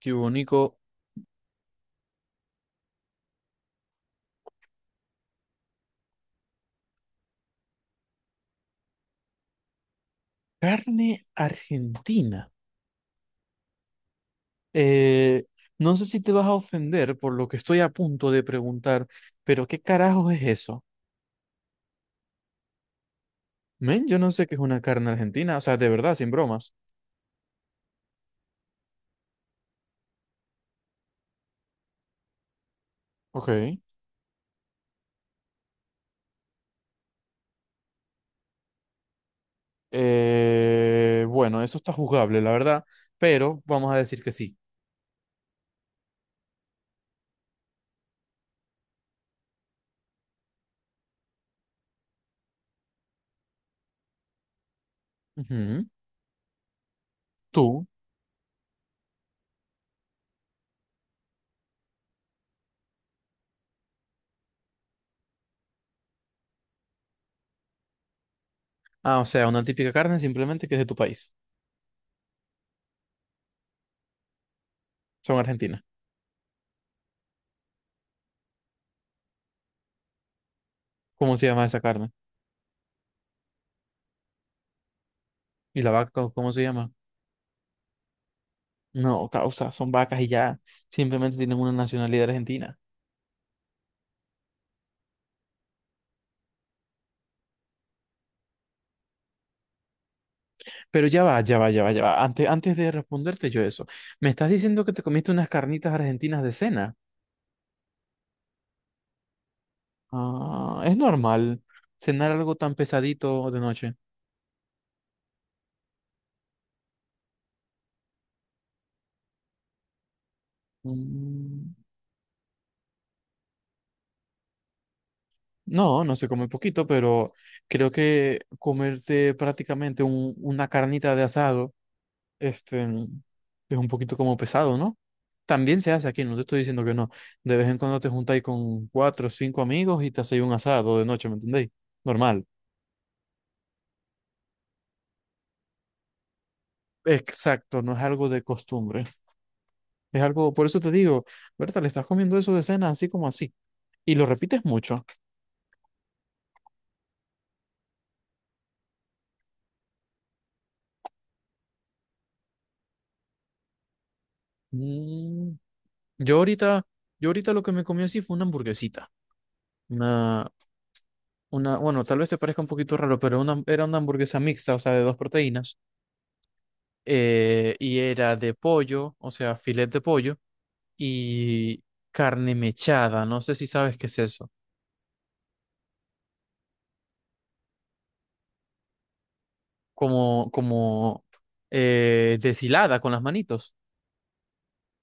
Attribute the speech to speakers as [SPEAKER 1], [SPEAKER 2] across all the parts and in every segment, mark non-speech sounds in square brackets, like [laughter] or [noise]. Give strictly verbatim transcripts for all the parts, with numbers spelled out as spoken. [SPEAKER 1] Qué bonito. Carne argentina. Eh, no sé si te vas a ofender por lo que estoy a punto de preguntar, pero ¿qué carajos es eso? Men, yo no sé qué es una carne argentina, o sea, de verdad, sin bromas. Ok. Eh, bueno, eso está juzgable, la verdad, pero vamos a decir que sí. Ujú. Tú. Ah, o sea, una típica carne simplemente que es de tu país. Son argentinas. ¿Cómo se llama esa carne? ¿Y la vaca, cómo se llama? No, causa, son vacas y ya. Simplemente tienen una nacionalidad argentina. Pero ya va, ya va, ya va, ya va. Antes, antes de responderte yo eso, me estás diciendo que te comiste unas carnitas argentinas de cena. Ah, es normal cenar algo tan pesadito de noche. Mm. No, no se come poquito, pero creo que comerte prácticamente un- una carnita de asado, este, es un poquito como pesado, ¿no? También se hace aquí, no te estoy diciendo que no. De vez en cuando te juntáis con cuatro o cinco amigos y te hacéis un asado de noche, ¿me entendéis? Normal. Exacto, no es algo de costumbre. Es algo, por eso te digo, Berta, le estás comiendo eso de cena así como así. Y lo repites mucho. Mm. Yo ahorita, yo ahorita lo que me comí así fue una hamburguesita. Una, una, bueno, tal vez te parezca un poquito raro, pero una, era una hamburguesa mixta, o sea, de dos proteínas. Eh, y era de pollo, o sea, filet de pollo y carne mechada. No sé si sabes qué es eso. Como, como eh, deshilada con las manitos.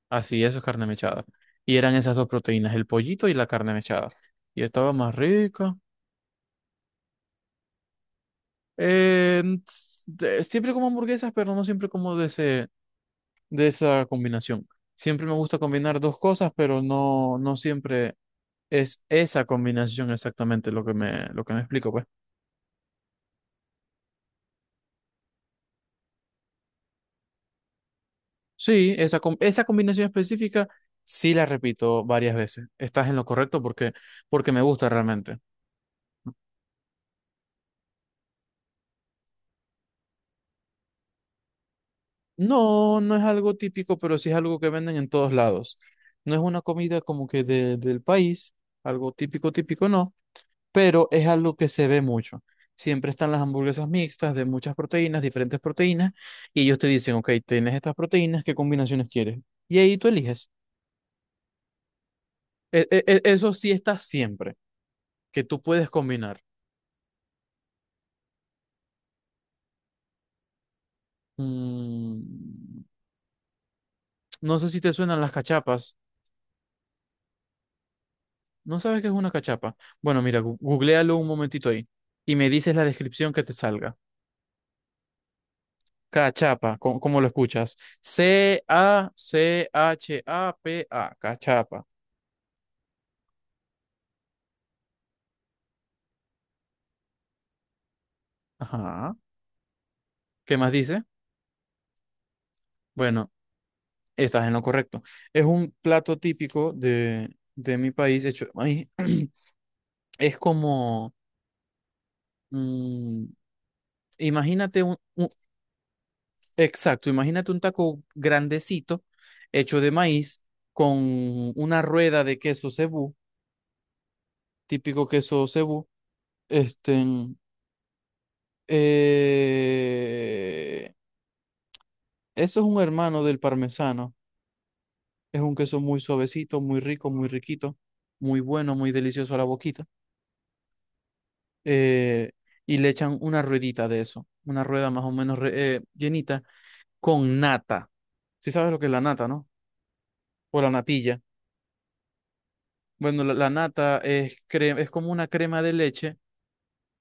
[SPEAKER 1] Así, eso es carne mechada. Y eran esas dos proteínas, el pollito y la carne mechada. Y estaba más rica. Eh, s- de- Siempre como hamburguesas, pero no siempre como de ese, de esa combinación. Siempre me gusta combinar dos cosas, pero no, no siempre es esa combinación exactamente lo que me, lo que me explico, pues. Sí, esa, com- esa combinación específica sí la repito varias veces. Estás en lo correcto porque, porque me gusta realmente. No, no es algo típico, pero sí es algo que venden en todos lados. No es una comida como que de- del país, algo típico, típico no, pero es algo que se ve mucho. Siempre están las hamburguesas mixtas de muchas proteínas, diferentes proteínas, y ellos te dicen, ok, tienes estas proteínas, ¿qué combinaciones quieres? Y ahí tú eliges. E- e- e- eso sí está siempre, que tú puedes combinar. Mm, no sé si te suenan las cachapas. ¿No sabes qué es una cachapa? Bueno, mira, gu- googléalo un momentito ahí y me dices la descripción que te salga. Cachapa, co- ¿cómo, lo escuchas? C A C H A P A, cachapa. Ajá. ¿Qué más dice? Bueno, estás en lo correcto. Es un plato típico de, de mi país. Hecho, de maíz. [clears throat] Es como, mm, imagínate un, un- exacto, imagínate un taco grandecito hecho de maíz con una rueda de queso cebú típico queso cebú. Este, eh, eso es un hermano del parmesano. Es un queso muy suavecito, muy rico, muy riquito, muy bueno, muy delicioso a la boquita. Eh, y le echan una ruedita de eso, una rueda más o menos re- eh, llenita con nata. Si sabes lo que es la nata, ¿no? O la natilla. Bueno, la, la nata es, cre- es como una crema de leche,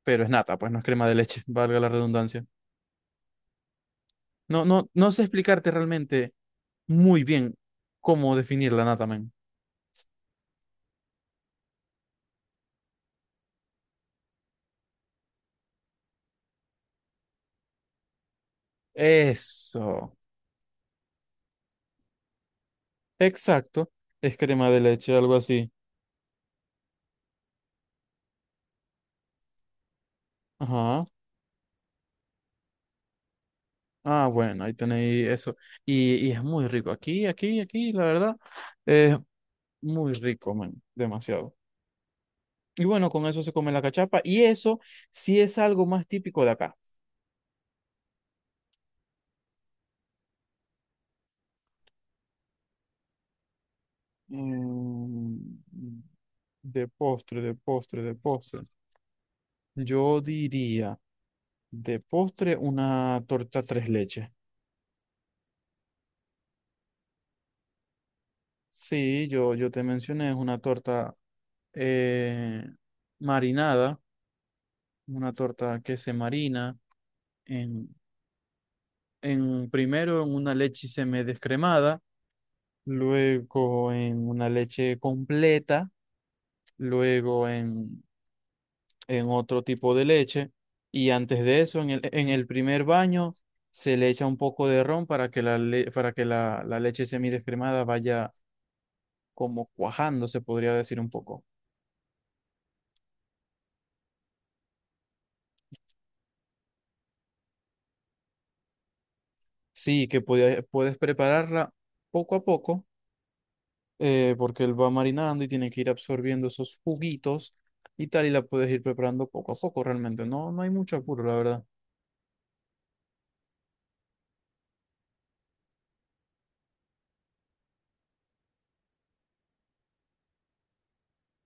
[SPEAKER 1] pero es nata, pues no es crema de leche, [laughs] valga la redundancia. No, no, no sé explicarte realmente muy bien cómo definir la nata, men. Eso. Exacto. Es crema de leche, algo así. Ajá. Ah, bueno, ahí tenéis eso. Y, y es muy rico. Aquí, aquí, aquí, la verdad, es muy rico, man. Demasiado. Y bueno, con eso se come la cachapa. Y eso sí es algo más típico de acá. Mm, de postre, de postre, de postre. Yo diría de postre, una torta tres leches. Sí, yo, yo te mencioné, es una torta eh, marinada, una torta que se marina en, en primero en una leche semidescremada, luego en una leche completa, luego en, en otro tipo de leche, y antes de eso, en el, en el primer baño, se le echa un poco de ron para que la, le- para que la, la leche semidescremada vaya como cuajando, se podría decir un poco. Sí, que podía- puedes prepararla poco a poco, eh, porque él va marinando y tiene que ir absorbiendo esos juguitos y tal, y la puedes ir preparando poco a poco realmente. No, no hay mucho apuro, la verdad.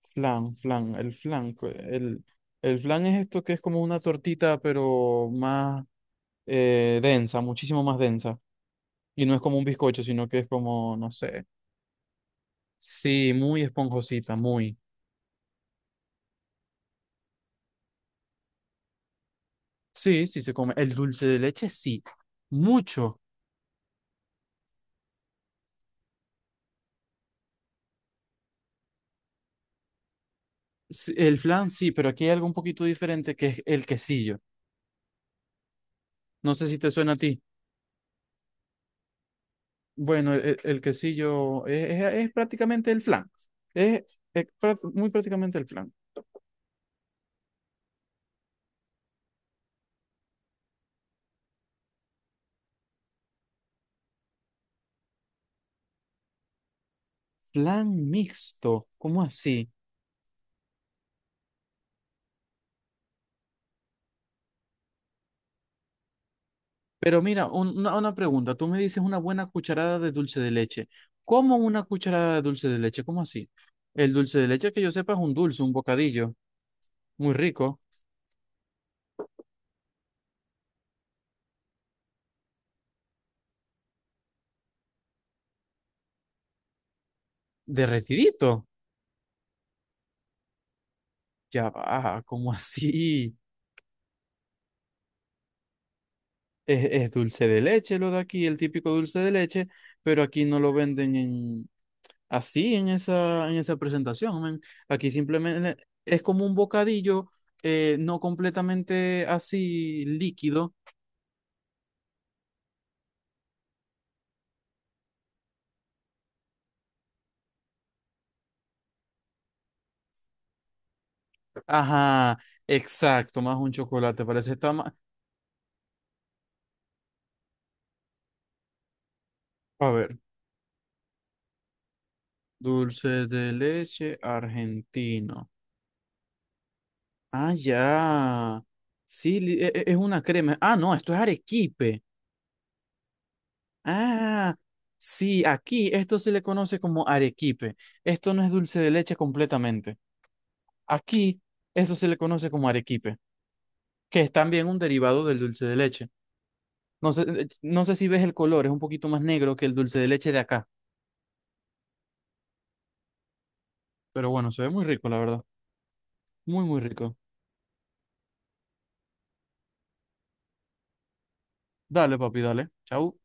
[SPEAKER 1] Flan, flan, el flan. Pues, El, el flan es esto que es como una tortita, pero más eh, densa, muchísimo más densa. Y no es como un bizcocho, sino que es como, no sé. Sí, muy esponjosita, muy. Sí, sí se come. El dulce de leche, sí. Mucho. Sí, el flan, sí, pero aquí hay algo un poquito diferente que es el quesillo. No sé si te suena a ti. Bueno, el, el- el quesillo es, es- es prácticamente el flan. Es, es prá- muy prácticamente el flan. Flan mixto, ¿cómo así? Pero mira, un- una, una pregunta. Tú me dices una buena cucharada de dulce de leche. ¿Cómo una cucharada de dulce de leche? ¿Cómo así? El dulce de leche que yo sepa es un dulce, un bocadillo, muy rico, derretidito. Ya va, ¿cómo así? Es, es dulce de leche lo de aquí, el típico dulce de leche, pero aquí no lo venden en, así en esa, en esa presentación, men. Aquí simplemente es como un bocadillo, eh, no completamente así líquido. Ajá, exacto, más un chocolate, parece está más... A ver, dulce de leche argentino. Ah, ya. Sí, li- e- e- es una crema. Ah, no, esto es arequipe. Ah, sí, aquí esto se le conoce como arequipe. Esto no es dulce de leche completamente. Aquí eso se le conoce como arequipe, que es también un derivado del dulce de leche. No sé, eh, no sé si ves el color, es un poquito más negro que el dulce de leche de acá. Pero bueno, se ve muy rico, la verdad. Muy, muy rico. Dale, papi, dale. Chau.